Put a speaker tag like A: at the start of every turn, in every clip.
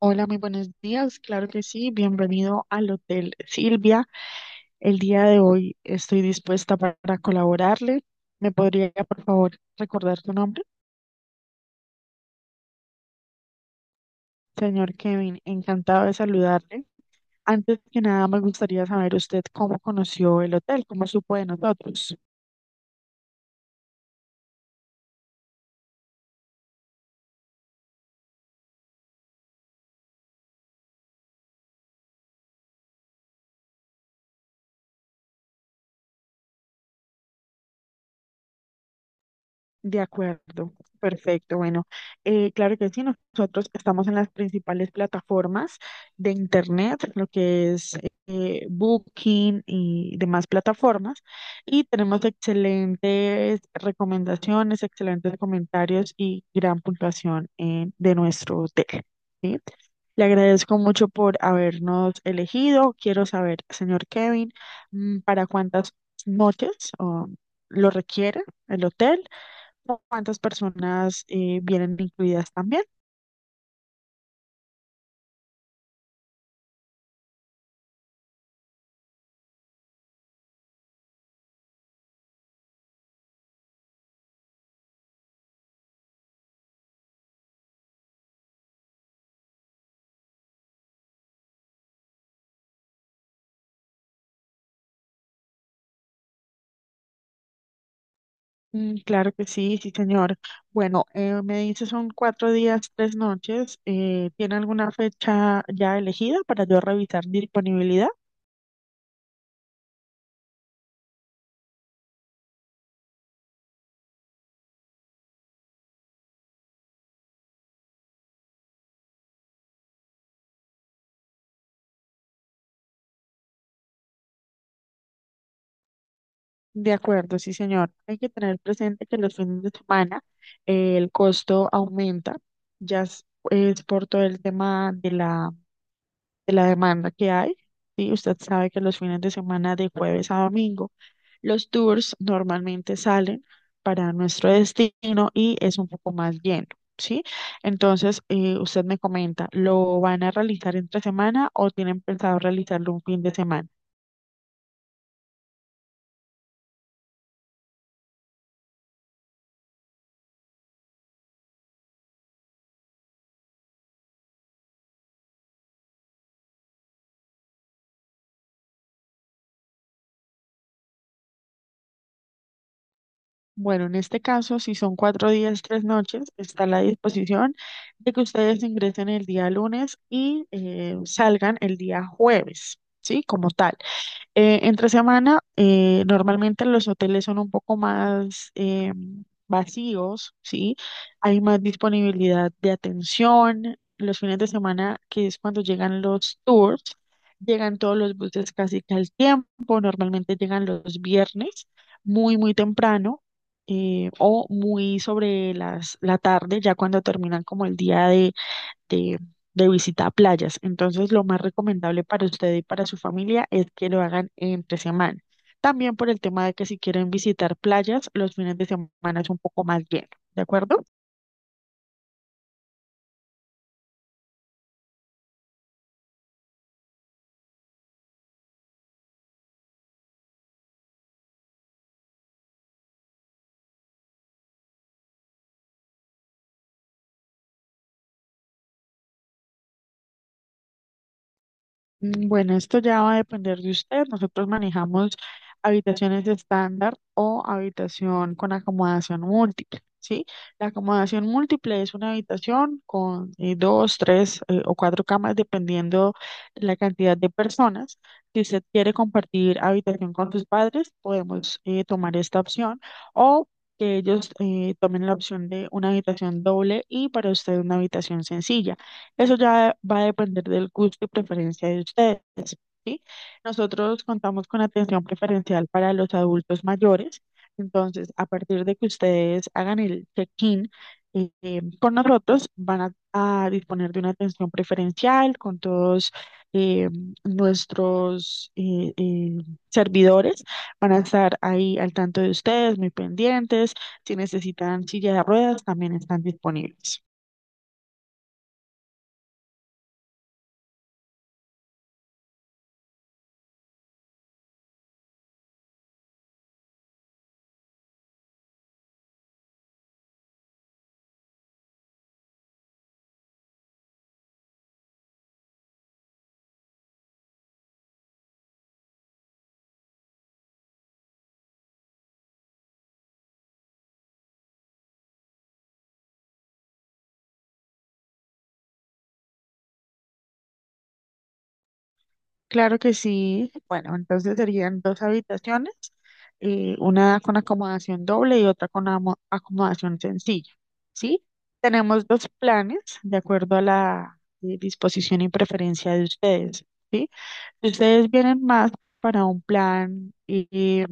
A: Hola, muy buenos días. Claro que sí. Bienvenido al Hotel Silvia. El día de hoy estoy dispuesta para colaborarle. ¿Me podría, por favor, recordar tu nombre? Señor Kevin, encantado de saludarle. Antes que nada, me gustaría saber usted cómo conoció el hotel, cómo supo de nosotros. De acuerdo, perfecto. Bueno, claro que sí, nosotros estamos en las principales plataformas de Internet, lo que es Booking y demás plataformas, y tenemos excelentes recomendaciones, excelentes comentarios y gran puntuación de nuestro hotel. ¿Sí? Le agradezco mucho por habernos elegido. Quiero saber, señor Kevin, ¿para cuántas noches oh, lo requiere el hotel? ¿Cuántas personas vienen incluidas también? Mm, claro que sí, sí, señor. Bueno, me dice son 4 días, 3 noches. ¿Tiene alguna fecha ya elegida para yo revisar disponibilidad? De acuerdo, sí, señor. Hay que tener presente que los fines de semana el costo aumenta, ya es por todo el tema de la demanda que hay. Sí, usted sabe que los fines de semana de jueves a domingo los tours normalmente salen para nuestro destino y es un poco más lleno, ¿sí? Entonces, usted me comenta, ¿lo van a realizar entre semana o tienen pensado realizarlo un fin de semana? Bueno, en este caso, si son 4 días, tres noches, está a la disposición de que ustedes ingresen el día lunes y salgan el día jueves, ¿sí? Como tal. Entre semana, normalmente los hoteles son un poco más vacíos, ¿sí? Hay más disponibilidad de atención. Los fines de semana, que es cuando llegan los tours, llegan todos los buses casi que al tiempo. Normalmente llegan los viernes, muy, muy temprano, o muy sobre las, la tarde, ya cuando terminan como el día de, de visita a playas. Entonces, lo más recomendable para usted y para su familia es que lo hagan entre semana. También por el tema de que si quieren visitar playas, los fines de semana es un poco más lleno, ¿de acuerdo? Mm, bueno, esto ya va a depender de usted. Nosotros manejamos habitaciones estándar o habitación con acomodación múltiple, ¿sí? La acomodación múltiple es una habitación con dos, tres o cuatro camas, dependiendo la cantidad de personas. Si usted quiere compartir habitación con sus padres, podemos tomar esta opción o que ellos tomen la opción de una habitación doble y para usted una habitación sencilla. Eso ya va a depender del gusto y preferencia de ustedes, ¿sí? Nosotros contamos con atención preferencial para los adultos mayores, entonces a partir de que ustedes hagan el check-in con nosotros, van a disponer de una atención preferencial con todos eh, nuestros servidores, van a estar ahí al tanto de ustedes, muy pendientes, si necesitan silla de ruedas, también están disponibles. Claro que sí. Bueno, entonces serían dos habitaciones, una con acomodación doble y otra con acomodación sencilla, ¿sí? Tenemos dos planes de acuerdo a la disposición y preferencia de ustedes, ¿sí? Si ustedes vienen más para un plan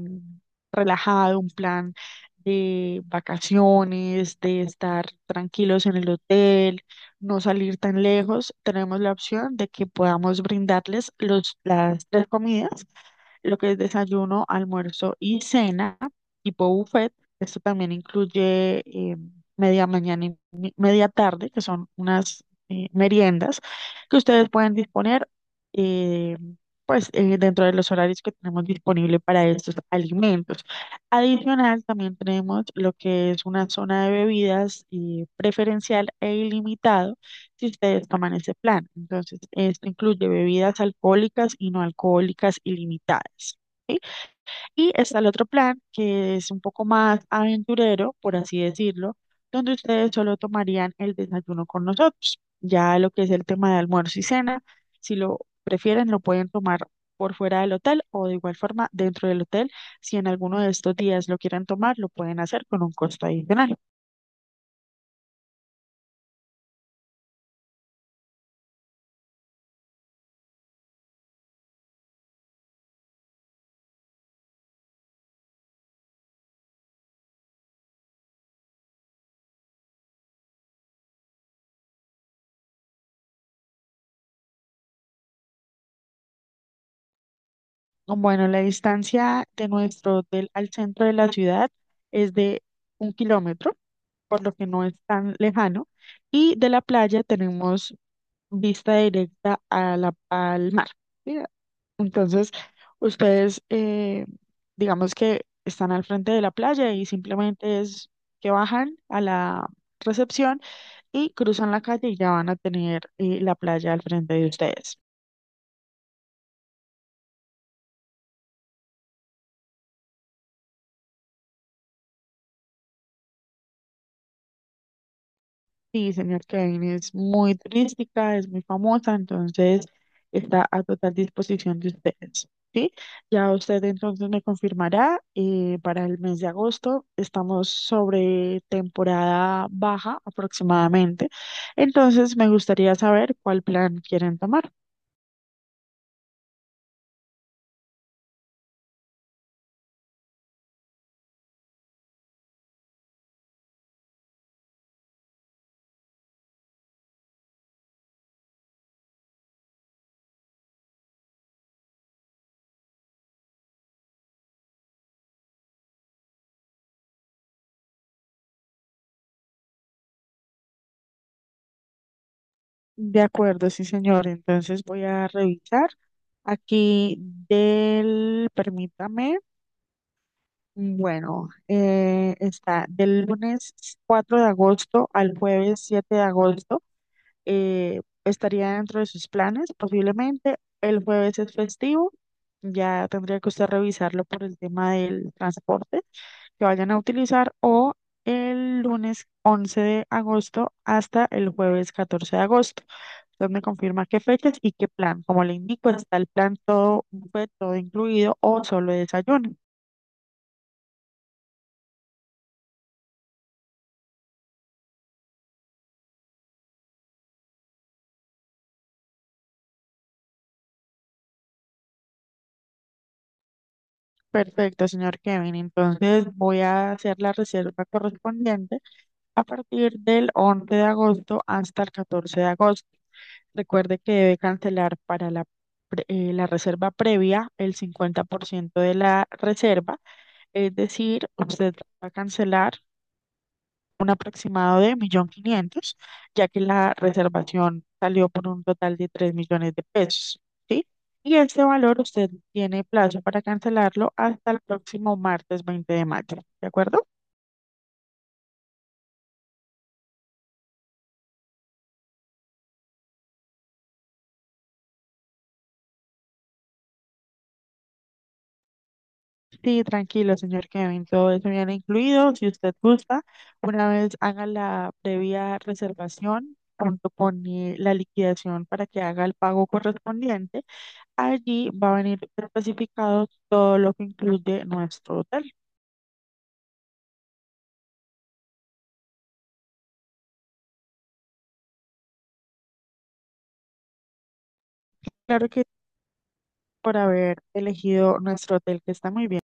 A: relajado, un plan de vacaciones, de estar tranquilos en el hotel, no salir tan lejos. Tenemos la opción de que podamos brindarles los, las tres comidas, lo que es desayuno, almuerzo y cena, tipo buffet. Esto también incluye media mañana y media tarde, que son unas meriendas que ustedes pueden disponer eh, pues, dentro de los horarios que tenemos disponible para estos alimentos. Adicional, también tenemos lo que es una zona de bebidas preferencial e ilimitado si ustedes toman ese plan. Entonces, esto incluye bebidas alcohólicas y no alcohólicas ilimitadas. ¿Sí? Y está el otro plan, que es un poco más aventurero, por así decirlo, donde ustedes solo tomarían el desayuno con nosotros. Ya lo que es el tema de almuerzo y cena, si lo prefieren, lo pueden tomar por fuera del hotel o de igual forma dentro del hotel. Si en alguno de estos días lo quieren tomar, lo pueden hacer con un costo adicional. Bueno, la distancia de nuestro hotel al centro de la ciudad es de 1 kilómetro, por lo que no es tan lejano, y de la playa tenemos vista directa a la, al mar. ¿Sí? Entonces, ustedes, digamos que están al frente de la playa y simplemente es que bajan a la recepción y cruzan la calle y ya van a tener la playa al frente de ustedes. Sí, señor Kevin, es muy turística, es muy famosa, entonces está a total disposición de ustedes, ¿sí? Ya usted entonces me confirmará, para el mes de agosto estamos sobre temporada baja aproximadamente, entonces me gustaría saber cuál plan quieren tomar. De acuerdo, sí, señor, entonces voy a revisar aquí del, permítame. Bueno, está del lunes 4 de agosto al jueves 7 de agosto. Estaría dentro de sus planes, posiblemente. El jueves es festivo. Ya tendría que usted revisarlo por el tema del transporte que vayan a utilizar o el lunes 11 de agosto hasta el jueves 14 de agosto. Usted me confirma qué fechas y qué plan. Como le indico, está el plan todo buffet, todo incluido o solo desayuno. Perfecto, señor Kevin. Entonces voy a hacer la reserva correspondiente a partir del 11 de agosto hasta el 14 de agosto. Recuerde que debe cancelar para la reserva previa el 50% de la reserva, es decir, usted va a cancelar un aproximado de 1.500.000, ya que la reservación salió por un total de 3 millones de pesos, ¿sí? Y este valor usted tiene plazo para cancelarlo hasta el próximo martes 20 de mayo, ¿de acuerdo? Sí, tranquilo, señor Kevin, todo eso viene incluido. Si usted gusta, una vez haga la previa reservación junto con la liquidación para que haga el pago correspondiente, allí va a venir especificado todo lo que incluye nuestro hotel. Claro que por haber elegido nuestro hotel, que está muy bien.